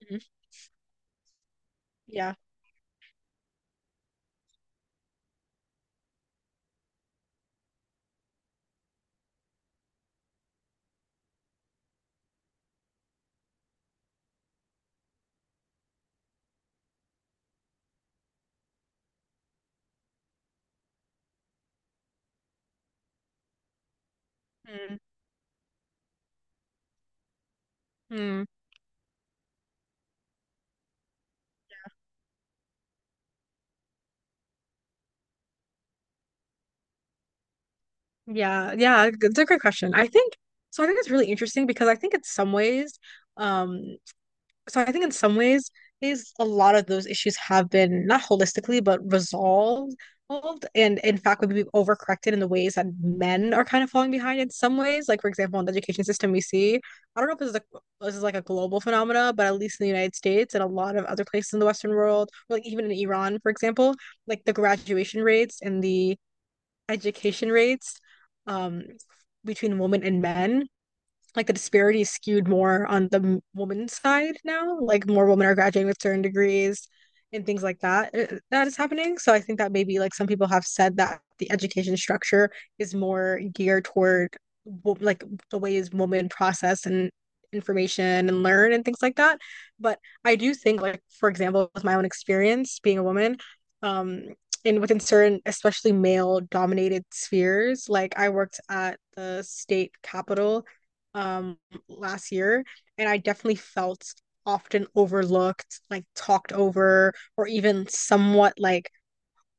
Mhm. Yeah. Mm, mm. Yeah. Yeah. It's a great question. I think so. I think it's really interesting because I think in some ways, um, so I think in some ways is a lot of those issues have been not holistically but resolved. And in fact, maybe we've overcorrected in the ways that men are kind of falling behind in some ways. Like, for example, in the education system, we see, I don't know if this is like a global phenomena, but at least in the United States and a lot of other places in the Western world, or like even in Iran, for example, like the graduation rates and the education rates um, between women and men, like the disparity is skewed more on the woman's side now. Like more women are graduating with certain degrees and things like that. That is happening. So I think that maybe like some people have said that the education structure is more geared toward like the ways women process and information and learn and things like that. But I do think, like, for example, with my own experience being a woman, um and within certain especially male dominated spheres, like I worked at the state capitol um last year, and I definitely felt often overlooked, like talked over, or even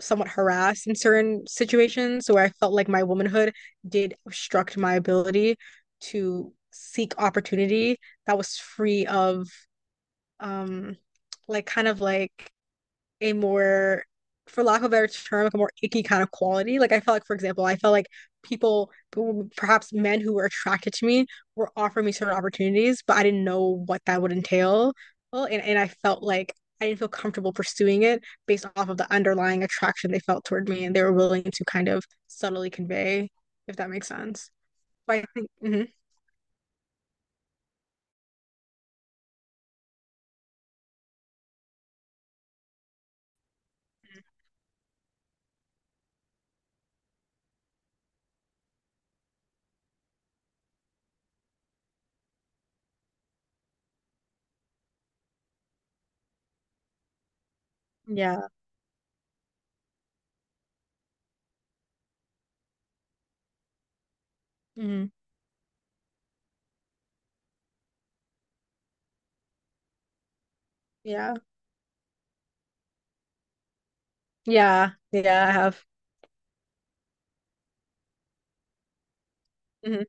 somewhat harassed in certain situations where I felt like my womanhood did obstruct my ability to seek opportunity that was free of um like kind of like a more, for lack of a better term, like a more icky kind of quality. Like I felt like, for example, I felt like people, perhaps men who were attracted to me, were offering me certain opportunities, but I didn't know what that would entail. Well, and I felt like I didn't feel comfortable pursuing it based off of the underlying attraction they felt toward me and they were willing to kind of subtly convey, if that makes sense. But I think. Mhm. Yeah. Hmm. Yeah. Yeah. Yeah, I have. Hmm.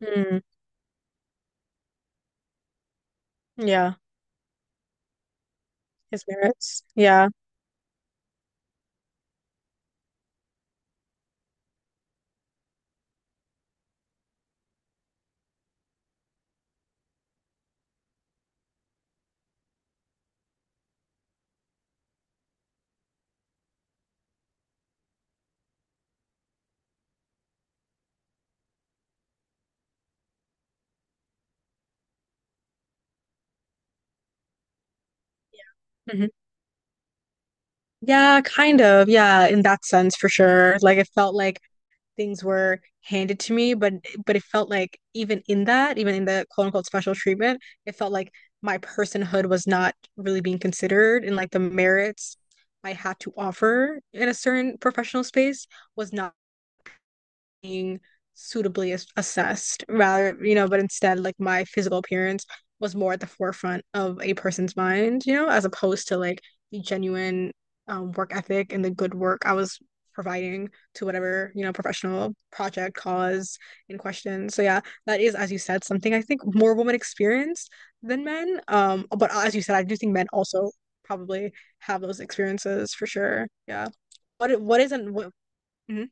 Hmm. Yeah. His merits. Yeah. Hmm. Yeah, kind of. Yeah, in that sense for sure. Like it felt like things were handed to me, but it felt like even in the quote unquote special treatment, it felt like my personhood was not really being considered, and like the merits I had to offer in a certain professional space was not being suitably assessed, rather, but instead, like my physical appearance was more at the forefront of a person's mind, as opposed to like the genuine work ethic and the good work I was providing to whatever professional project cause in question. So yeah, that is, as you said, something I think more women experience than men. But as you said, I do think men also probably have those experiences for sure. Yeah. What isn't what? Mhm.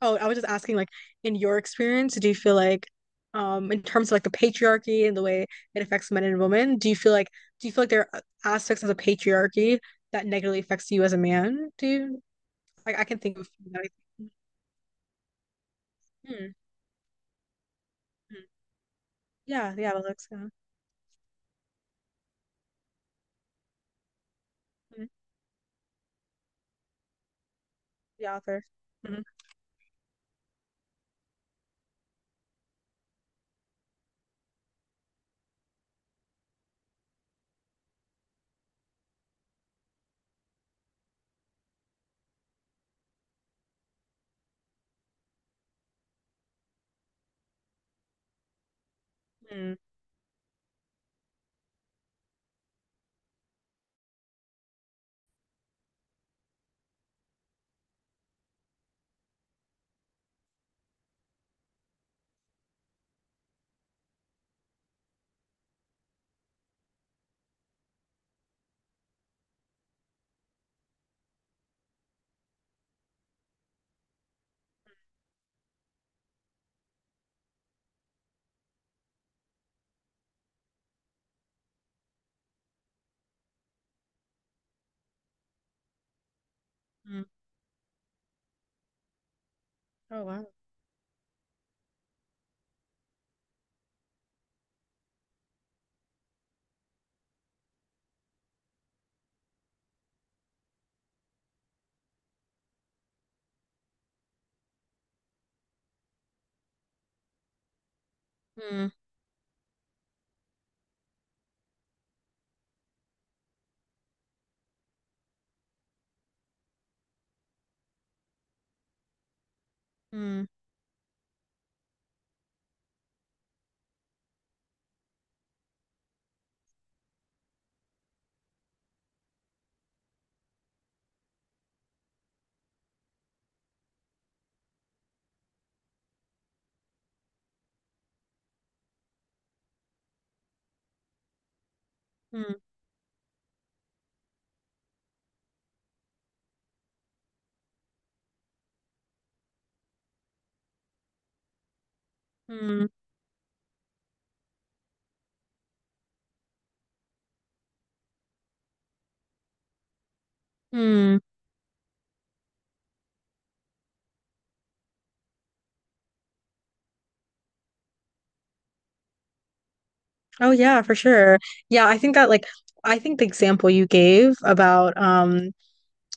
Oh, I was just asking, like, in your experience, do you feel like, in terms of like the patriarchy and the way it affects men and women, do you feel like, there are aspects of the patriarchy that negatively affects you as a man? Do you, like, I can think of, few that think- hmm. Hmm. Yeah, yeah, Alexa. Hmm. The author. Hmm. Hmm. Hmm. Oh, wow. Hmm. Hmm. Hmm. Hmm. Hmm. Oh, yeah, for sure. Yeah, I think that, like, I think the example you gave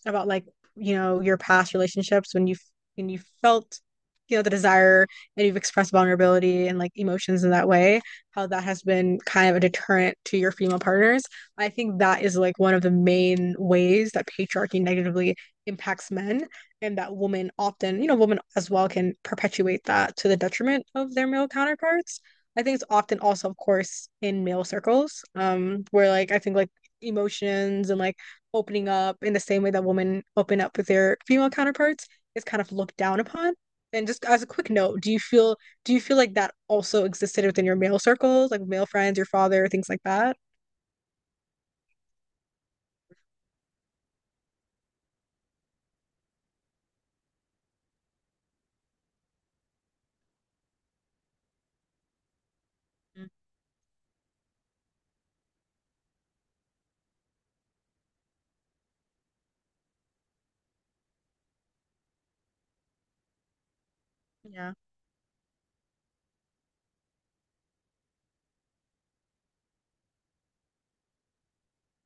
about, like, your past relationships when you felt the desire, and you've expressed vulnerability and like emotions in that way, how that has been kind of a deterrent to your female partners. I think that is like one of the main ways that patriarchy negatively impacts men, and that women often, women as well, can perpetuate that to the detriment of their male counterparts. I think it's often also, of course, in male circles, where, like, I think, like, emotions and like opening up in the same way that women open up with their female counterparts is kind of looked down upon. And just as a quick note, do you feel, like that also existed within your male circles, like male friends, your father, things like that? Mm, yeah.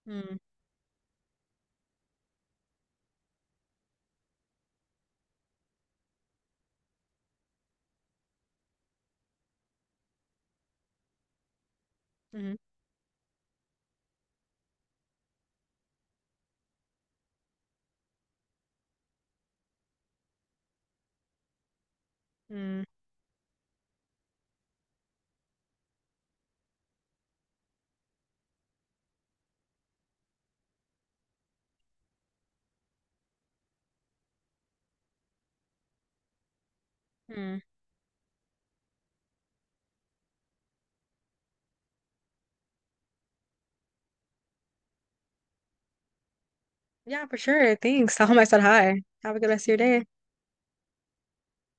Mm, mm, mm, mm. Yeah, for sure. Thanks. Tell him I said hi. Have a good rest of your day.